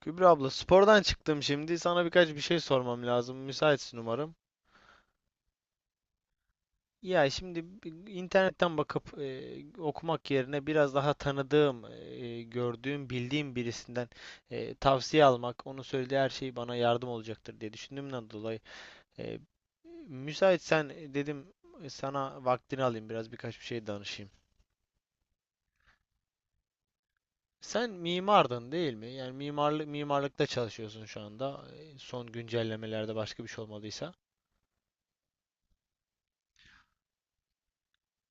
Kübra abla spordan çıktım şimdi. Sana birkaç bir şey sormam lazım. Müsaitsin umarım. Ya şimdi internetten bakıp okumak yerine biraz daha tanıdığım, gördüğüm, bildiğim birisinden tavsiye almak, onun söylediği her şey bana yardım olacaktır diye düşündüğümden dolayı e, müsaitsen dedim sana vaktini alayım biraz birkaç bir şey danışayım. Sen mimardın değil mi? Yani mimarlıkta çalışıyorsun şu anda. Son güncellemelerde başka bir şey olmadıysa.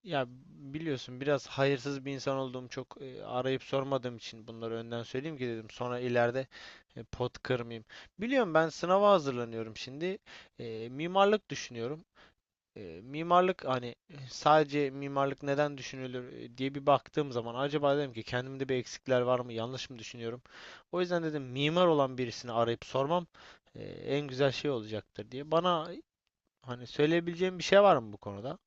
Ya biliyorsun biraz hayırsız bir insan olduğum çok arayıp sormadığım için bunları önden söyleyeyim ki dedim sonra ileride pot kırmayayım. Biliyorum ben sınava hazırlanıyorum şimdi. Mimarlık düşünüyorum. Mimarlık hani sadece mimarlık neden düşünülür diye bir baktığım zaman acaba dedim ki kendimde bir eksikler var mı yanlış mı düşünüyorum. O yüzden dedim mimar olan birisini arayıp sormam en güzel şey olacaktır diye. Bana hani söyleyebileceğim bir şey var mı bu konuda?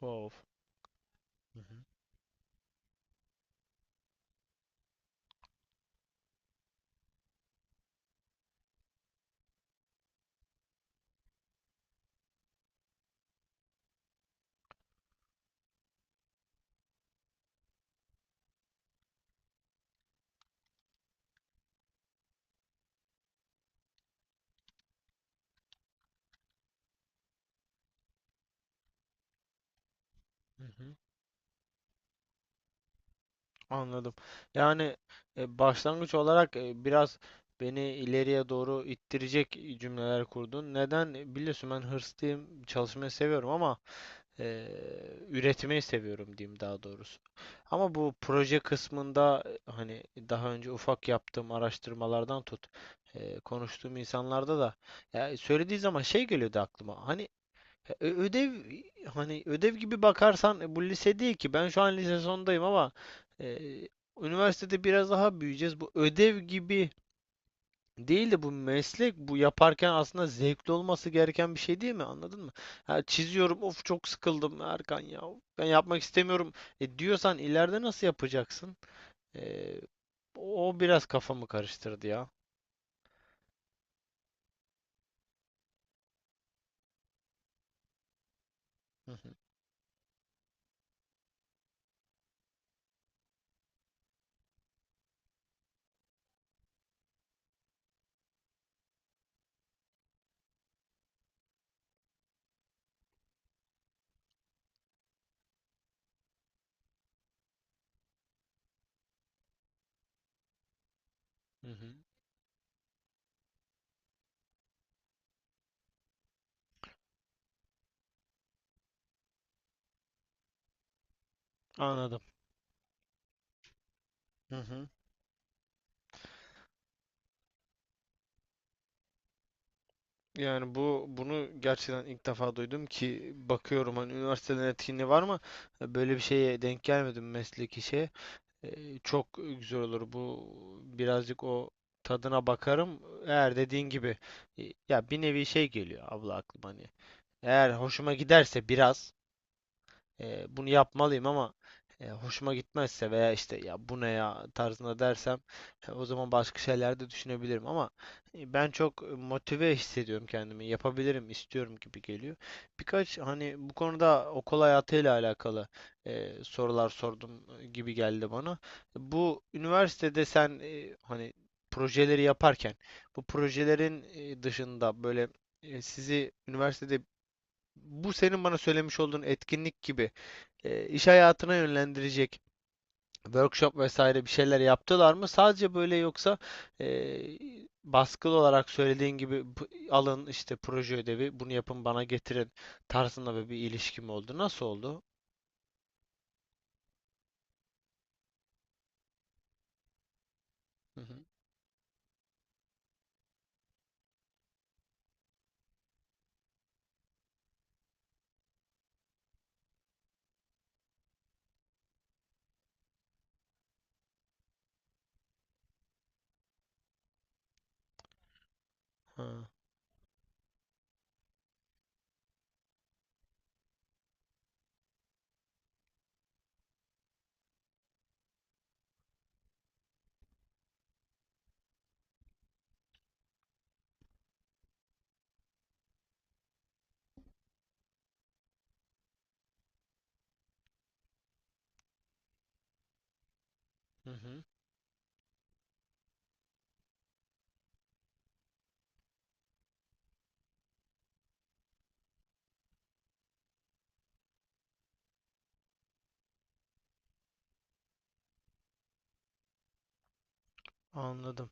Of. Hı hı. Hı hı. Anladım. Yani başlangıç olarak biraz beni ileriye doğru ittirecek cümleler kurdun. Neden? Biliyorsun ben hırslıyım, çalışmayı seviyorum ama e, üretmeyi seviyorum diyeyim daha doğrusu. Ama bu proje kısmında hani daha önce ufak yaptığım araştırmalardan tut, konuştuğum insanlarda da ya söylediği zaman şey geliyordu aklıma. Hani ödev hani ödev gibi bakarsan bu lise değil ki. Ben şu an lise sondayım ama e, üniversitede biraz daha büyüyeceğiz. Bu ödev gibi değil de bu meslek bu yaparken aslında zevkli olması gereken bir şey değil mi? Anladın mı? Ha, çiziyorum of çok sıkıldım Erkan ya. Ben yapmak istemiyorum diyorsan ileride nasıl yapacaksın? E, O biraz kafamı karıştırdı ya. Hı hı, hı hı. Anladım. Hı hı. Yani bu bunu gerçekten ilk defa duydum ki bakıyorum hani üniversitelerin etkinliği var mı? Böyle bir şeye denk gelmedim mesleki şeye. Çok güzel olur bu birazcık o tadına bakarım. Eğer dediğin gibi ya bir nevi şey geliyor abla aklıma hani. Eğer hoşuma giderse biraz bunu yapmalıyım ama hoşuma gitmezse veya işte ya bu ne ya tarzında dersem o zaman başka şeyler de düşünebilirim ama ben çok motive hissediyorum kendimi. Yapabilirim, istiyorum gibi geliyor. Birkaç hani bu konuda okul hayatıyla alakalı sorular sordum gibi geldi bana. Bu üniversitede sen hani projeleri yaparken bu projelerin dışında böyle sizi üniversitede bu senin bana söylemiş olduğun etkinlik gibi iş hayatına yönlendirecek workshop vesaire bir şeyler yaptılar mı? Sadece böyle yoksa e, baskılı olarak söylediğin gibi alın işte proje ödevi bunu yapın bana getirin tarzında böyle bir ilişki mi oldu. Nasıl oldu? Hı hı. Ha. Hı hı. Anladım.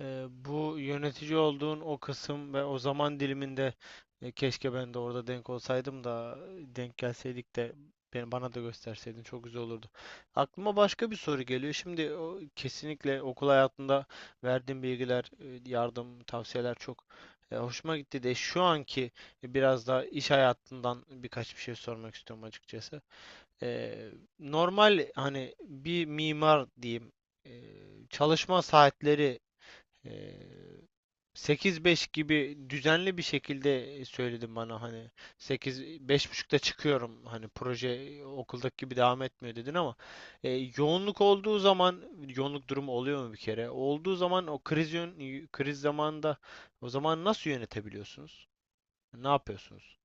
Bu yönetici olduğun o kısım ve o zaman diliminde keşke ben de orada denk olsaydım da denk gelseydik de beni bana da gösterseydin çok güzel olurdu. Aklıma başka bir soru geliyor. Şimdi o, kesinlikle okul hayatında verdiğin bilgiler, yardım, tavsiyeler çok hoşuma gitti de şu anki biraz da iş hayatından birkaç bir şey sormak istiyorum açıkçası. Eee, Normal hani bir mimar diyeyim çalışma saatleri eee 8-5 gibi düzenli bir şekilde söyledim bana hani sekiz beş buçukta çıkıyorum hani proje okuldaki gibi devam etmiyor dedin ama yoğunluk olduğu zaman yoğunluk durumu oluyor mu bir kere? Olduğu zaman o kriz zamanında o zaman nasıl yönetebiliyorsunuz? Ne yapıyorsunuz?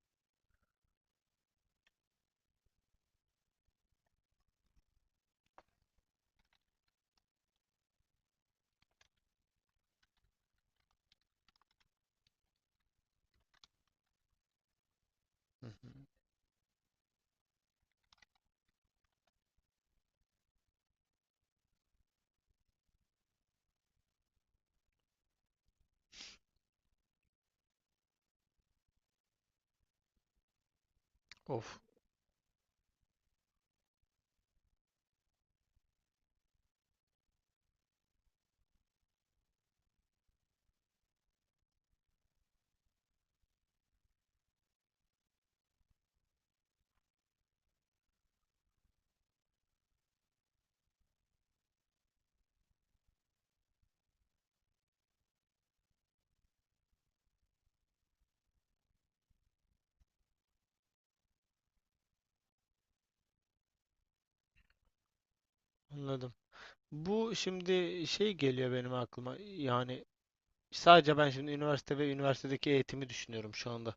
Hı hı. Of, anladım. Bu şimdi şey geliyor benim aklıma. Yani sadece ben şimdi üniversite ve üniversitedeki eğitimi düşünüyorum şu anda.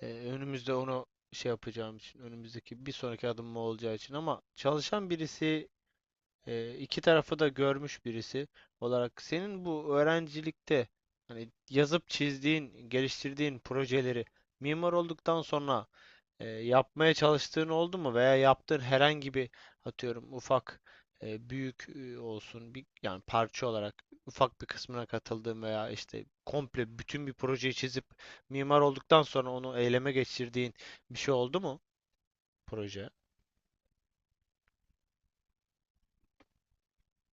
Önümüzde onu şey yapacağım için, önümüzdeki bir sonraki adım mı olacağı için ama çalışan birisi iki tarafı da görmüş birisi olarak senin bu öğrencilikte hani yazıp çizdiğin, geliştirdiğin projeleri mimar olduktan sonra yapmaya çalıştığın oldu mu veya yaptığın herhangi bir atıyorum ufak büyük olsun bir yani parça olarak ufak bir kısmına katıldığın veya işte komple bütün bir projeyi çizip mimar olduktan sonra onu eyleme geçirdiğin bir şey oldu mu proje?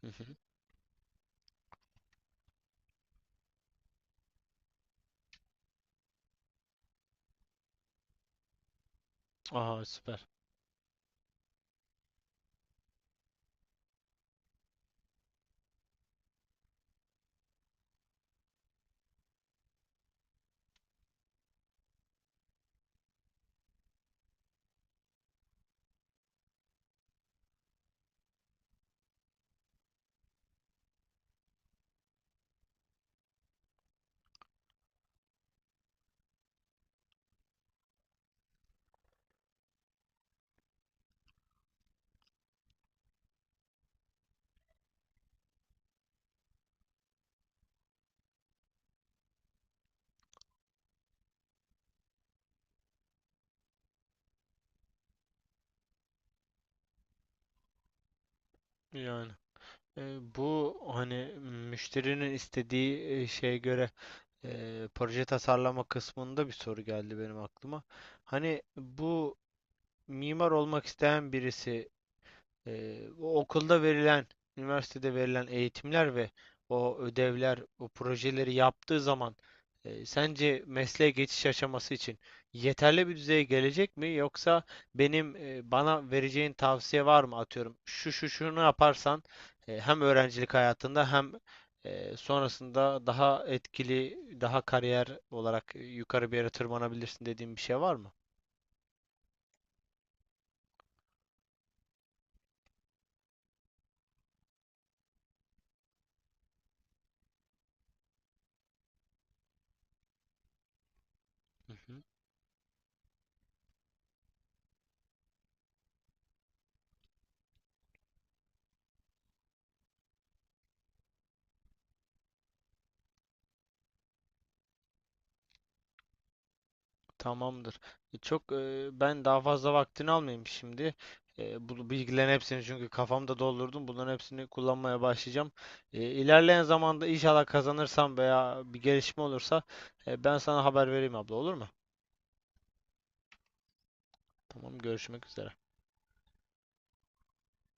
Hı hı. Aha süper. Yani. Bu hani müşterinin istediği şeye göre proje tasarlama kısmında bir soru geldi benim aklıma. Hani bu mimar olmak isteyen birisi o okulda verilen, üniversitede verilen eğitimler ve o ödevler, o projeleri yaptığı zaman sence mesleğe geçiş aşaması için yeterli bir düzeye gelecek mi? Yoksa benim bana vereceğin tavsiye var mı? Atıyorum şu şunu yaparsan hem öğrencilik hayatında hem sonrasında daha etkili, daha kariyer olarak yukarı bir yere tırmanabilirsin dediğin bir şey var mı? Hı hı. Tamamdır. Çok ben daha fazla vaktini almayayım şimdi. Bu bilgilerin hepsini çünkü kafamda doldurdum. Bunların hepsini kullanmaya başlayacağım. İlerleyen zamanda inşallah kazanırsam veya bir gelişme olursa ben sana haber vereyim abla, olur mu? Tamam, görüşmek üzere.